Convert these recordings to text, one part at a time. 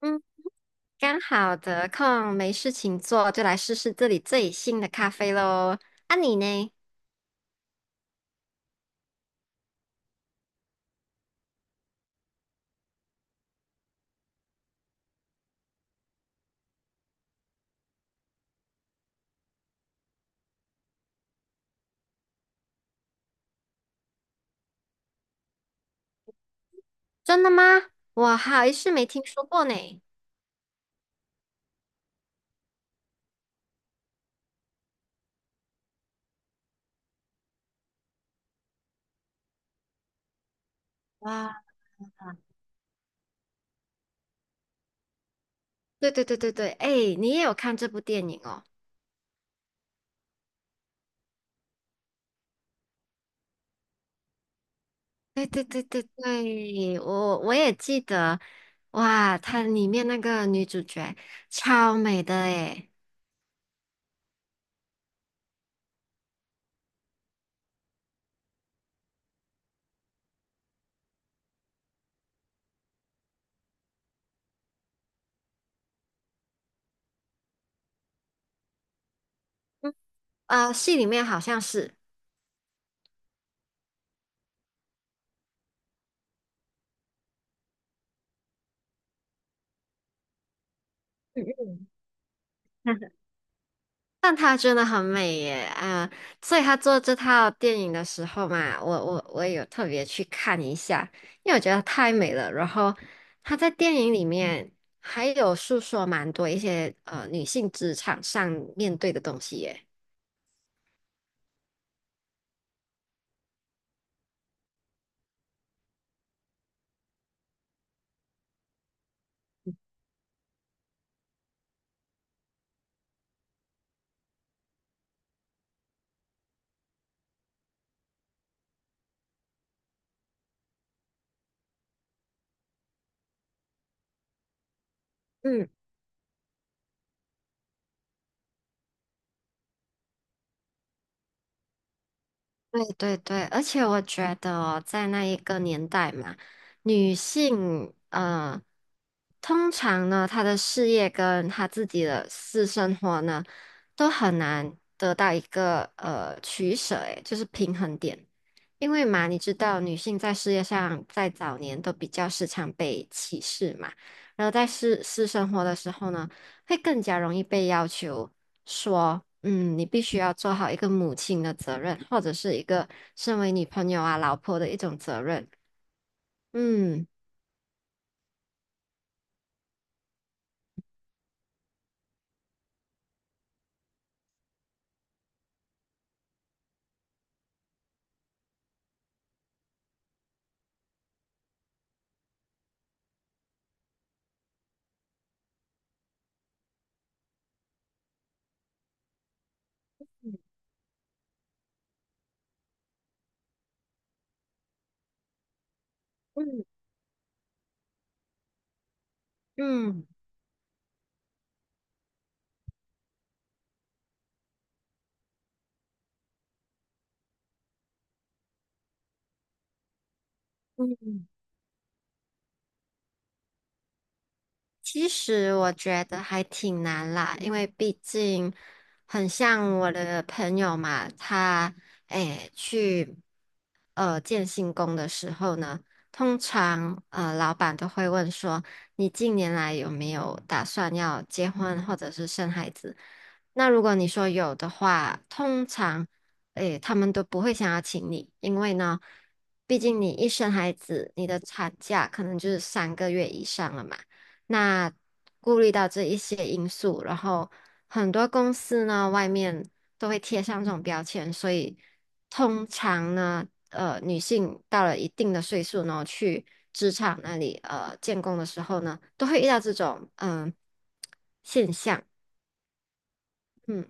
嗯，刚好得空没事情做，就来试试这里最新的咖啡喽。啊，你呢？真的吗？我好是没听说过呢。哇，对对对对对，哎，你也有看这部电影哦？对对对对对，我也记得。哇，它里面那个女主角超美的诶。嗯，啊，戏里面好像是。嗯嗯。但她真的很美耶，啊、所以她做这套电影的时候嘛，我也有特别去看一下，因为我觉得太美了。然后她在电影里面还有诉说蛮多一些女性职场上面对的东西耶。嗯。对对对，而且我觉得哦在那一个年代嘛，女性，通常呢，她的事业跟她自己的私生活呢，都很难得到一个取舍，诶，就是平衡点。因为嘛，你知道女性在事业上在早年都比较时常被歧视嘛，然后在私生活的时候呢，会更加容易被要求。说，你必须要做好一个母亲的责任，或者是一个身为女朋友啊、老婆的一种责任。嗯嗯嗯嗯。其实我觉得还挺难啦，因为毕竟很像我的朋友嘛，他去建信工的时候呢，通常老板都会问说，你近年来有没有打算要结婚或者是生孩子？那如果你说有的话，通常他们都不会想要请你，因为呢，毕竟你一生孩子，你的产假可能就是三个月以上了嘛。那顾虑到这一些因素，然后很多公司呢，外面都会贴上这种标签，所以通常呢，女性到了一定的岁数呢，去职场那里建工的时候呢，都会遇到这种现象。嗯，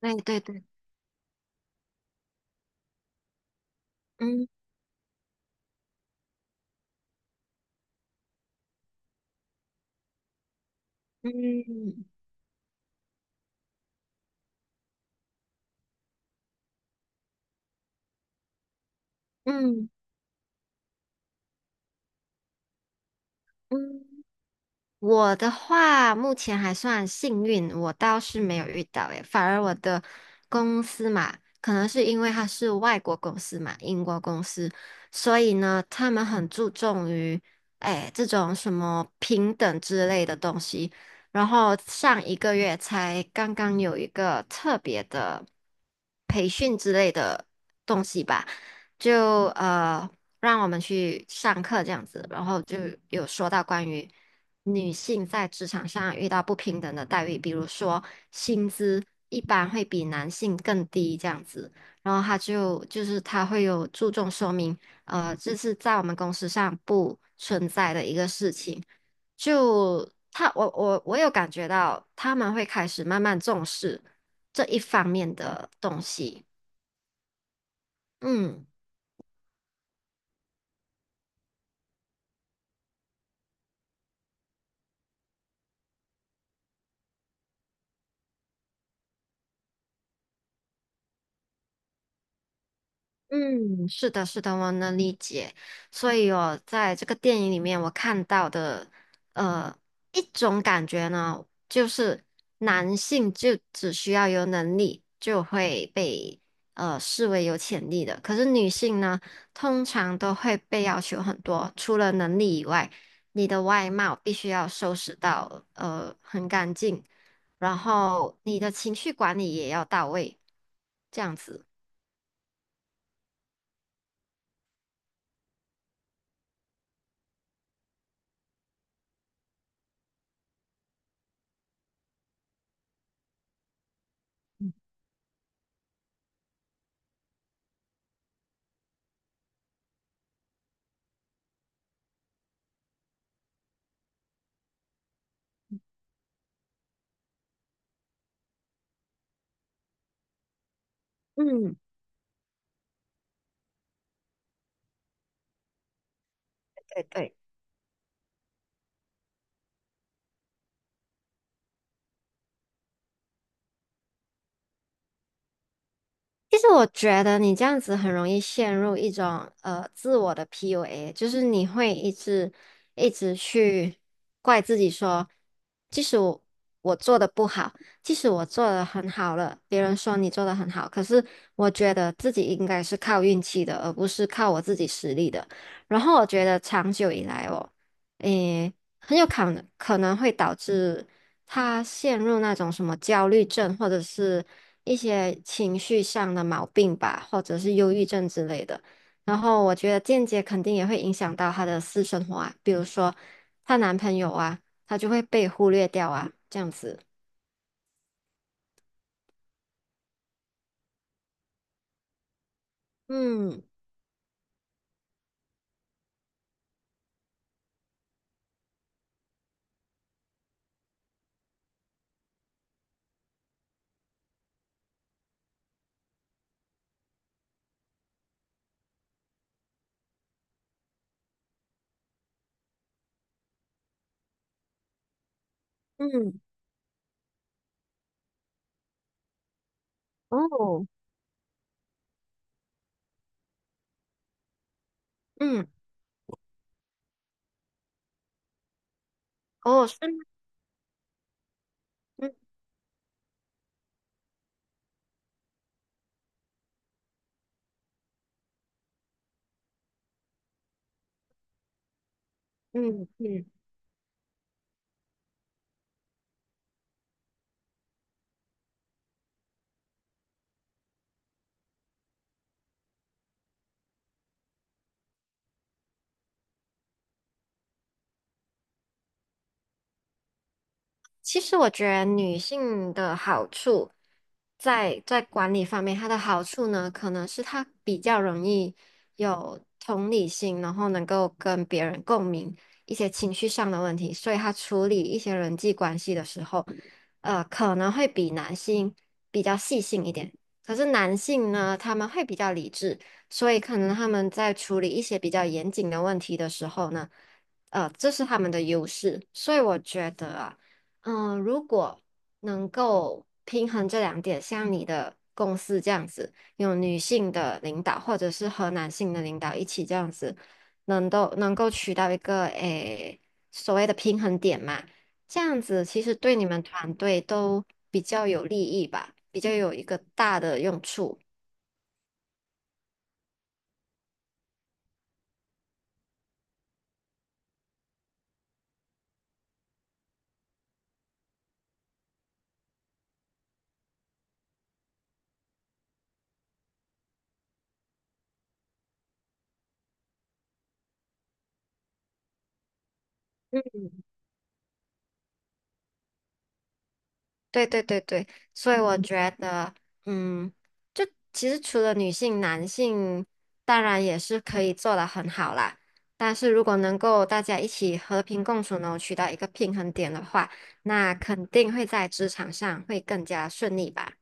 对对对，嗯嗯嗯嗯。我的话，目前还算幸运，我倒是没有遇到诶，反而我的公司嘛，可能是因为它是外国公司嘛，英国公司，所以呢，他们很注重于这种什么平等之类的东西。然后上一个月才刚刚有一个特别的培训之类的东西吧，就让我们去上课这样子，然后就有说到关于。女性在职场上遇到不平等的待遇，比如说薪资一般会比男性更低这样子，然后他就是他会有注重说明，这是在我们公司上不存在的一个事情。就他，我有感觉到他们会开始慢慢重视这一方面的东西，嗯。嗯，是的，是的，我能理解。所以我在这个电影里面，我看到的，呃，一种感觉呢，就是男性就只需要有能力就会被视为有潜力的，可是女性呢，通常都会被要求很多，除了能力以外，你的外貌必须要收拾到很干净，然后你的情绪管理也要到位，这样子。嗯，对对。其实我觉得你这样子很容易陷入一种自我的 PUA，就是你会一直一直去怪自己说，即使我做的不好，即使我做的很好了，别人说你做的很好，可是我觉得自己应该是靠运气的，而不是靠我自己实力的。然后我觉得长久以来哦，诶。很有可能会导致他陷入那种什么焦虑症，或者是一些情绪上的毛病吧，或者是忧郁症之类的。然后我觉得间接肯定也会影响到她的私生活啊，比如说她男朋友啊，她就会被忽略掉啊，这样子。嗯嗯哦，嗯，哦，是吗？嗯嗯嗯。其实我觉得女性的好处在管理方面，它的好处呢，可能是她比较容易有同理心，然后能够跟别人共鸣一些情绪上的问题，所以她处理一些人际关系的时候，可能会比男性比较细心一点。可是男性呢，他们会比较理智，所以可能他们在处理一些比较严谨的问题的时候呢，这是他们的优势，所以我觉得啊。嗯，如果能够平衡这两点，像你的公司这样子，有女性的领导或者是和男性的领导一起这样子，能够取到一个所谓的平衡点嘛，这样子其实对你们团队都比较有利益吧，比较有一个大的用处。对对对对，所以我觉得，嗯，就其实除了女性，男性当然也是可以做得很好啦。但是如果能够大家一起和平共处呢，取到一个平衡点的话，那肯定会在职场上会更加顺利吧。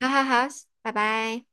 好好好，拜拜。